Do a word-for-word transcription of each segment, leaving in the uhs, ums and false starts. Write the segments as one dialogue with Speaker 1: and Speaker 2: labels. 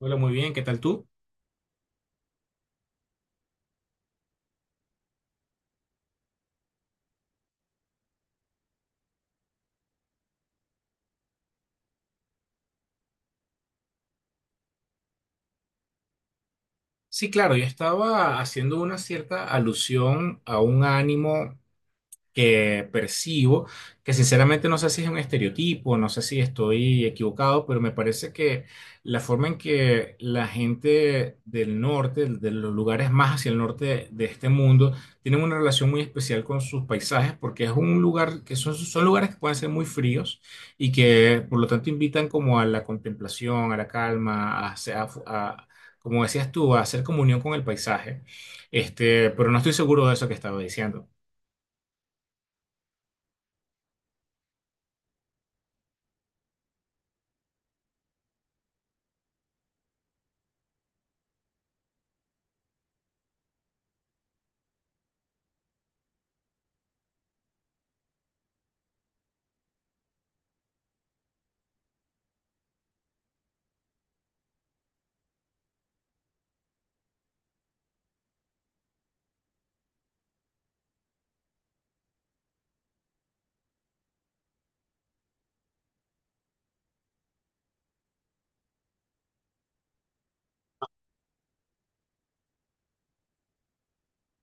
Speaker 1: Hola, muy bien, ¿qué tal tú? Sí, claro, yo estaba haciendo una cierta alusión a un ánimo que percibo, que sinceramente no sé si es un estereotipo, no sé si estoy equivocado, pero me parece que la forma en que la gente del norte, de los lugares más hacia el norte de este mundo, tienen una relación muy especial con sus paisajes, porque es un lugar que son, son lugares que pueden ser muy fríos y que por lo tanto invitan como a la contemplación, a la calma, a, hacer- a- a- como decías tú, a hacer comunión con el paisaje. Este, pero no estoy seguro de eso que estaba diciendo.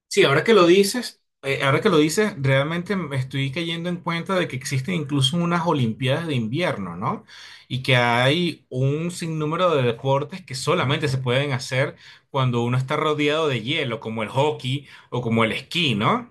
Speaker 1: Sí, ahora que lo dices, eh, ahora que lo dices, realmente me estoy cayendo en cuenta de que existen incluso unas Olimpiadas de invierno, ¿no? Y que hay un sinnúmero de deportes que solamente se pueden hacer cuando uno está rodeado de hielo, como el hockey o como el esquí, ¿no?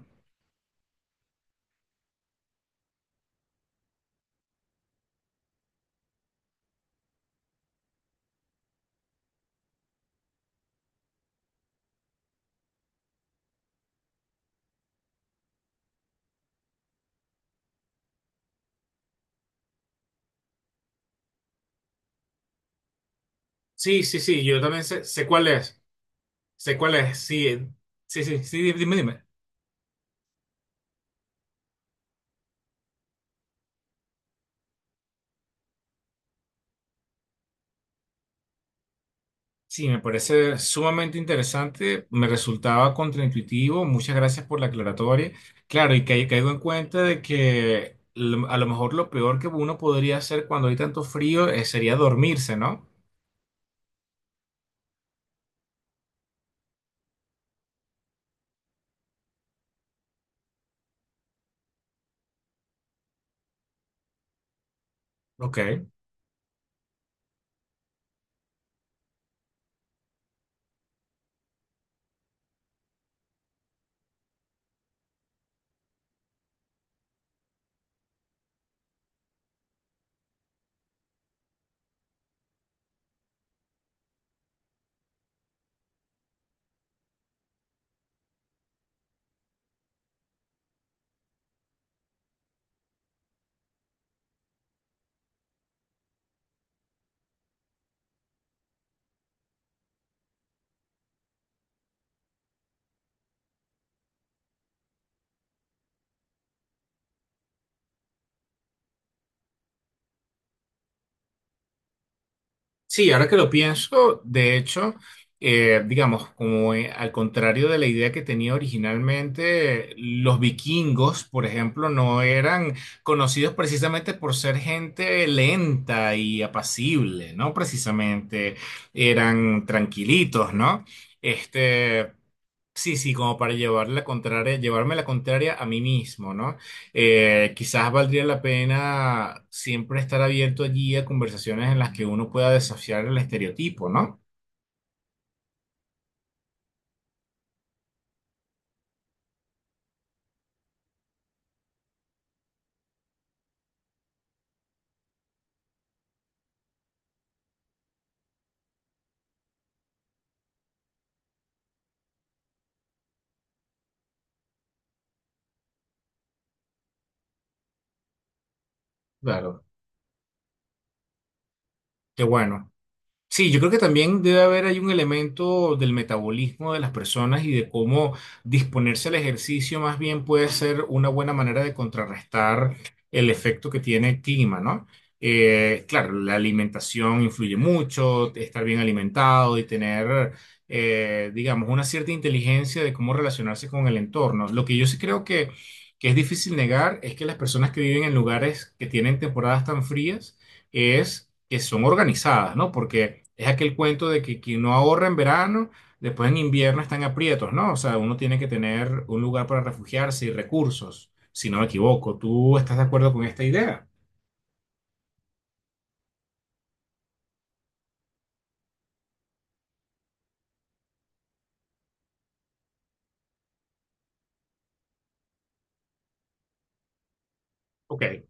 Speaker 1: Sí, sí, sí, yo también sé, sé cuál es, sé cuál es, sí, eh, sí, sí, sí, dime, dime. Sí, me parece sumamente interesante, me resultaba contraintuitivo, muchas gracias por la aclaratoria. Claro, y ca- caigo en cuenta de que lo- a lo mejor lo peor que uno podría hacer cuando hay tanto frío eh, sería dormirse, ¿no? Ok. Sí, ahora que lo pienso, de hecho, eh, digamos, como eh, al contrario de la idea que tenía originalmente, los vikingos, por ejemplo, no eran conocidos precisamente por ser gente lenta y apacible, ¿no? Precisamente eran tranquilitos, ¿no? Este. Sí, sí, como para llevar la contraria, llevarme la contraria a mí mismo, ¿no? Eh, quizás valdría la pena siempre estar abierto allí a conversaciones en las que uno pueda desafiar el estereotipo, ¿no? Claro, qué bueno. Sí, yo creo que también debe haber ahí un elemento del metabolismo de las personas y de cómo disponerse al ejercicio más bien puede ser una buena manera de contrarrestar el efecto que tiene el clima, ¿no? Eh, claro, la alimentación influye mucho, estar bien alimentado y tener, eh, digamos, una cierta inteligencia de cómo relacionarse con el entorno. Lo que yo sí creo que, que es difícil negar es que las personas que viven en lugares que tienen temporadas tan frías, es que son organizadas, ¿no? Porque es aquel cuento de que quien no ahorra en verano, después en invierno están aprietos, ¿no? O sea, uno tiene que tener un lugar para refugiarse y recursos, si no me equivoco. ¿Tú estás de acuerdo con esta idea? Ok.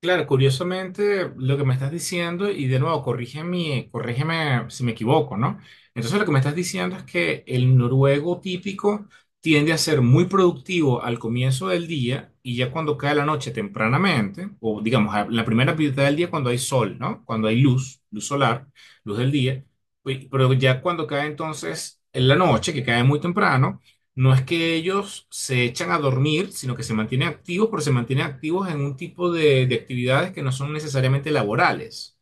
Speaker 1: Claro, curiosamente lo que me estás diciendo, y de nuevo, corrígeme, corrígeme si me equivoco, ¿no? Entonces lo que me estás diciendo es que el noruego típico tiende a ser muy productivo al comienzo del día y ya cuando cae la noche tempranamente, o digamos, a la primera mitad del día cuando hay sol, ¿no? Cuando hay luz, luz solar, luz del día, pues, pero ya cuando cae entonces en la noche, que cae muy temprano. No es que ellos se echan a dormir, sino que se mantienen activos, pero se mantienen activos en un tipo de, de actividades que no son necesariamente laborales.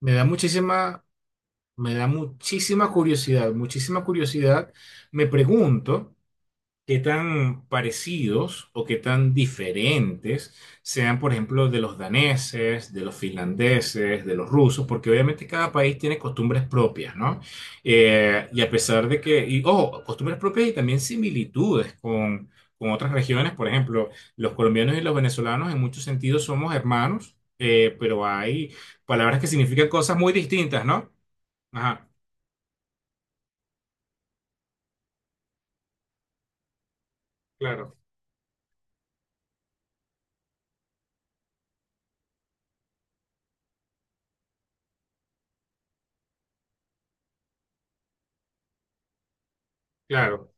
Speaker 1: Me da muchísima, me da muchísima curiosidad, muchísima curiosidad. Me pregunto qué tan parecidos o qué tan diferentes sean, por ejemplo, de los daneses, de los finlandeses, de los rusos, porque obviamente cada país tiene costumbres propias, ¿no? Eh, y a pesar de que, y, ojo, costumbres propias y también similitudes con, con otras regiones, por ejemplo, los colombianos y los venezolanos en muchos sentidos somos hermanos, eh, pero hay palabras que significan cosas muy distintas, ¿no? Ajá, claro, claro.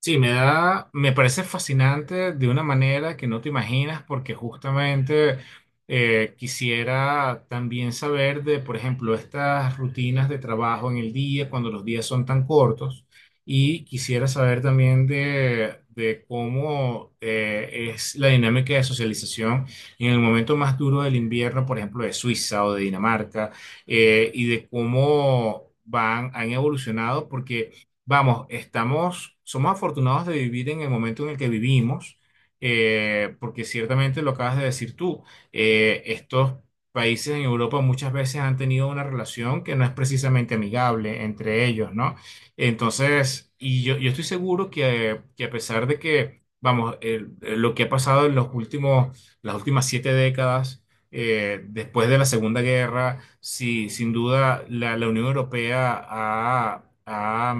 Speaker 1: Sí, me da, me parece fascinante de una manera que no te imaginas, porque justamente eh, quisiera también saber de, por ejemplo, estas rutinas de trabajo en el día, cuando los días son tan cortos, y quisiera saber también de, de cómo eh, es la dinámica de socialización en el momento más duro del invierno, por ejemplo, de Suiza o de Dinamarca, eh, y de cómo van, han evolucionado, porque vamos, estamos, somos afortunados de vivir en el momento en el que vivimos, eh, porque ciertamente lo acabas de decir tú, eh, estos países en Europa muchas veces han tenido una relación que no es precisamente amigable entre ellos, ¿no? Entonces, y yo, yo estoy seguro que, que a pesar de que, vamos, el- lo que ha pasado en los últimos, las últimas siete décadas, eh, después de la Segunda Guerra, sí, sin duda la, la Unión Europea ha... ha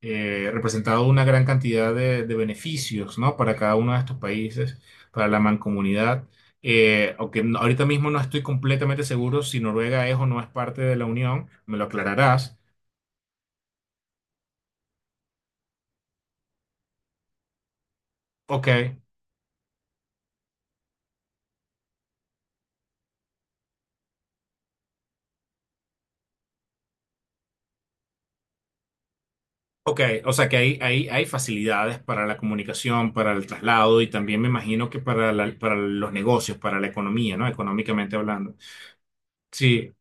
Speaker 1: eh, representado una gran cantidad de, de beneficios, ¿no? Para cada uno de estos países, para la mancomunidad. Eh, aunque no- ahorita mismo no estoy completamente seguro si Noruega es o no es parte de la Unión, me lo aclararás. Ok, ok, o sea que hay, hay, hay facilidades para la comunicación, para el traslado y también me imagino que para, la- para los negocios, para la economía, ¿no? Económicamente hablando. Sí.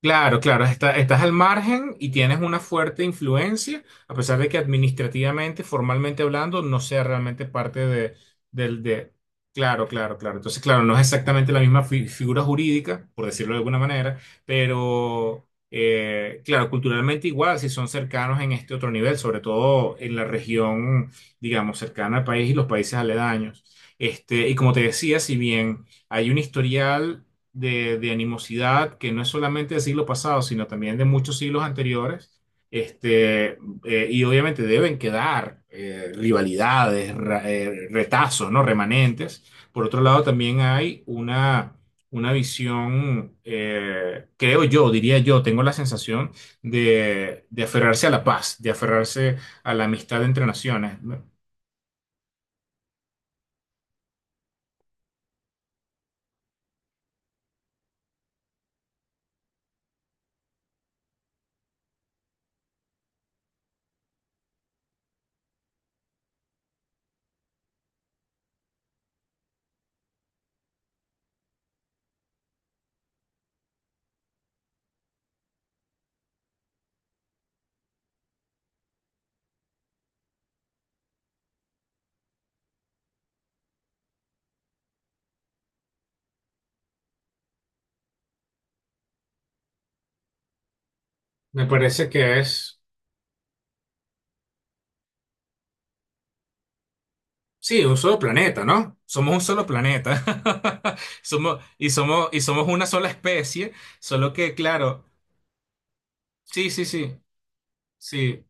Speaker 1: Claro, claro, está- estás al margen y tienes una fuerte influencia, a pesar de que administrativamente, formalmente hablando, no sea realmente parte de, del de... Claro, claro, claro. Entonces, claro, no es exactamente la misma fi- figura jurídica, por decirlo de alguna manera, pero, eh, claro, culturalmente igual, si son cercanos en este otro nivel, sobre todo en la región, digamos, cercana al país y los países aledaños. Este, y como te decía, si bien hay un historial de, de animosidad que no es solamente del siglo pasado, sino también de muchos siglos anteriores. Este, eh, y obviamente deben quedar eh, rivalidades, ra- eh, retazos, ¿no? Remanentes. Por otro lado, también hay una, una visión, eh, creo yo, diría yo, tengo la sensación de, de aferrarse a la paz, de aferrarse a la amistad entre naciones. Me me parece que es sí, un solo planeta, ¿no? Somos un solo planeta. Somos, y somos, y somos una sola especie, solo que, claro, sí, sí, sí, sí.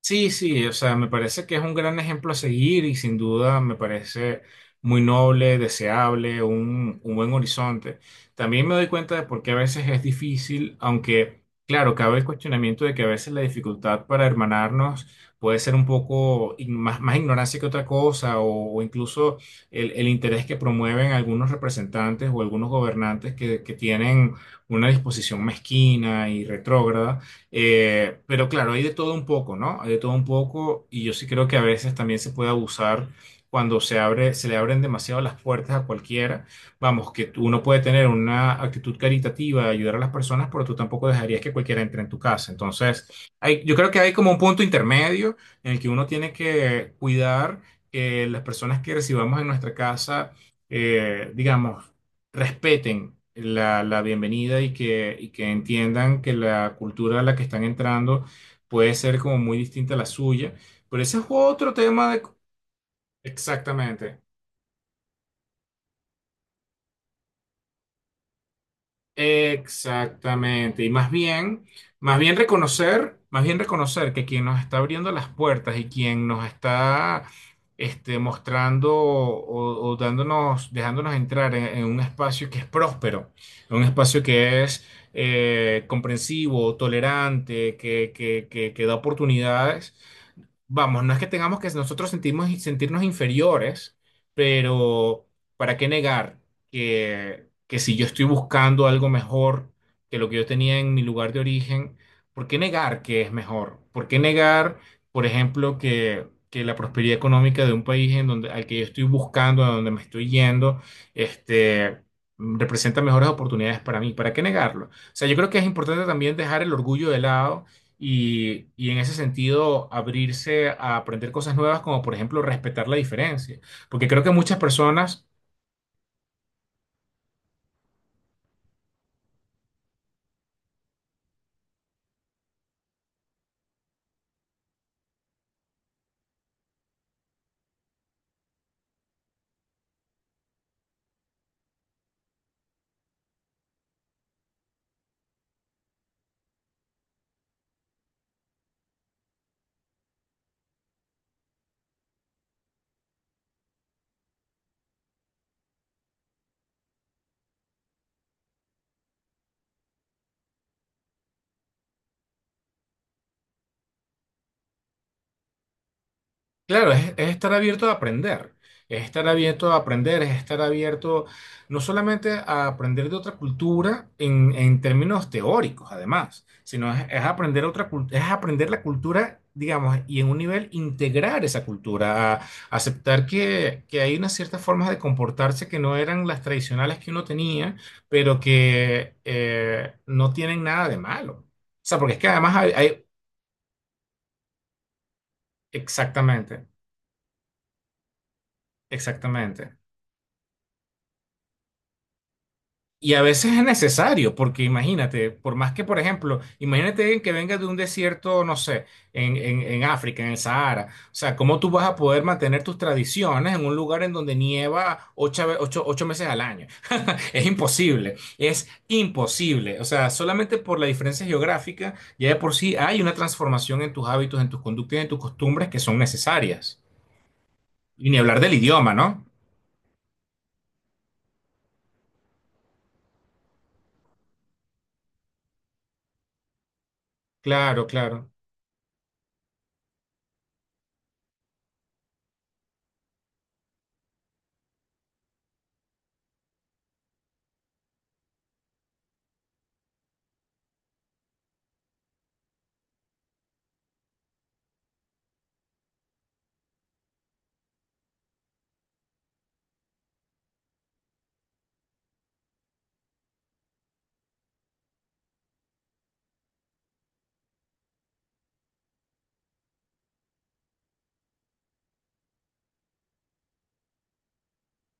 Speaker 1: Sí, sí, o sea, me parece que es un gran ejemplo a seguir y sin duda me parece muy noble, deseable, un, un buen horizonte. También me doy cuenta de por qué a veces es difícil, aunque claro, cabe el cuestionamiento de que a veces la dificultad para hermanarnos puede ser un poco ign- más, más ignorancia que otra cosa o, o incluso el, el interés que promueven algunos representantes o algunos gobernantes que, que tienen una disposición mezquina y retrógrada eh, pero claro, hay de todo un poco, ¿no? Hay de todo un poco y yo sí creo que a veces también se puede abusar cuando se abre, se le abren demasiado las puertas a cualquiera. Vamos, que tú- uno puede tener una actitud caritativa, ayudar a las personas, pero tú tampoco dejarías que cualquiera entre en tu casa. Entonces, hay, yo creo que hay como un punto intermedio en el que uno tiene que cuidar que las personas que recibamos en nuestra casa, eh, digamos, respeten la, la bienvenida y que, y que entiendan que la cultura a la que están entrando puede ser como muy distinta a la suya. Pero ese es otro tema de... Exactamente. Exactamente. Y más bien, más bien reconocer, más bien reconocer que quien nos está abriendo las puertas y quien nos está este, mostrando o, o dándonos, dejándonos entrar en, en un espacio que es próspero, en un espacio que es eh, comprensivo, tolerante, que, que, que, que da oportunidades. Vamos, no es que tengamos que nosotros sentimos, sentirnos inferiores, pero ¿para qué negar que, que si yo estoy buscando algo mejor que lo que yo tenía en mi lugar de origen, ¿por qué negar que es mejor? ¿Por qué negar, por ejemplo, que, que la prosperidad económica de un país en donde, al que yo estoy buscando, a donde me estoy yendo, este, representa mejores oportunidades para mí? ¿Para qué negarlo? O sea, yo creo que es importante también dejar el orgullo de lado y, y en ese sentido abrirse a aprender cosas nuevas, como por ejemplo respetar la diferencia. Porque creo que muchas personas claro, es, es estar abierto a aprender, es estar abierto a aprender, es estar abierto no solamente a aprender de otra cultura en, en términos teóricos, además, sino es, es aprender otra, cul- es aprender la cultura, digamos, y en un nivel integrar esa cultura, a aceptar que, que hay unas ciertas formas de comportarse que no eran las tradicionales que uno tenía, pero que eh, no tienen nada de malo. O sea, porque es que además hay, hay- exactamente, exactamente. Y a veces es necesario, porque imagínate, por más que, por ejemplo, imagínate alguien que venga de un desierto, no sé, en, en- en África, en el Sahara. O sea, ¿cómo tú vas a poder mantener tus tradiciones en un lugar en donde nieva ocho, ve- ocho- ocho meses al año? Es imposible, es imposible. O sea, solamente por la diferencia geográfica, ya de por sí hay una transformación en tus hábitos, en tus conductas y en tus costumbres que son necesarias. Y ni hablar del idioma, ¿no? Claro, claro.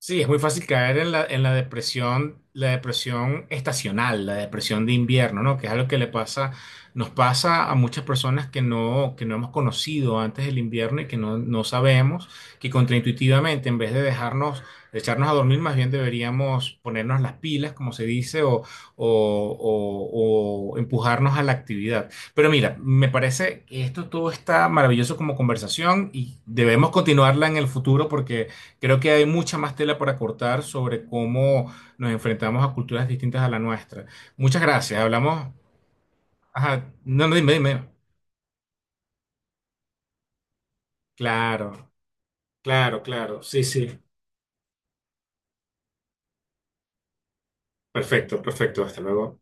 Speaker 1: Sí, es muy fácil caer en la, en la depresión, la depresión estacional, la depresión de invierno, ¿no? Que es algo que le pasa, nos pasa a muchas personas que no, que no hemos conocido antes del invierno y que no, no sabemos, que contraintuitivamente, en vez de dejarnos, de echarnos a dormir, más bien deberíamos ponernos las pilas, como se dice, o, o, o- o empujarnos a la actividad. Pero mira, me parece que esto todo está maravilloso como conversación y debemos continuarla en el futuro porque creo que hay mucha más tela para cortar sobre cómo nos enfrentamos a culturas distintas a la nuestra. Muchas gracias. Hablamos. Ajá. No, no, dime, dime. Claro, claro, claro. Sí, sí. Perfecto, perfecto. Hasta luego.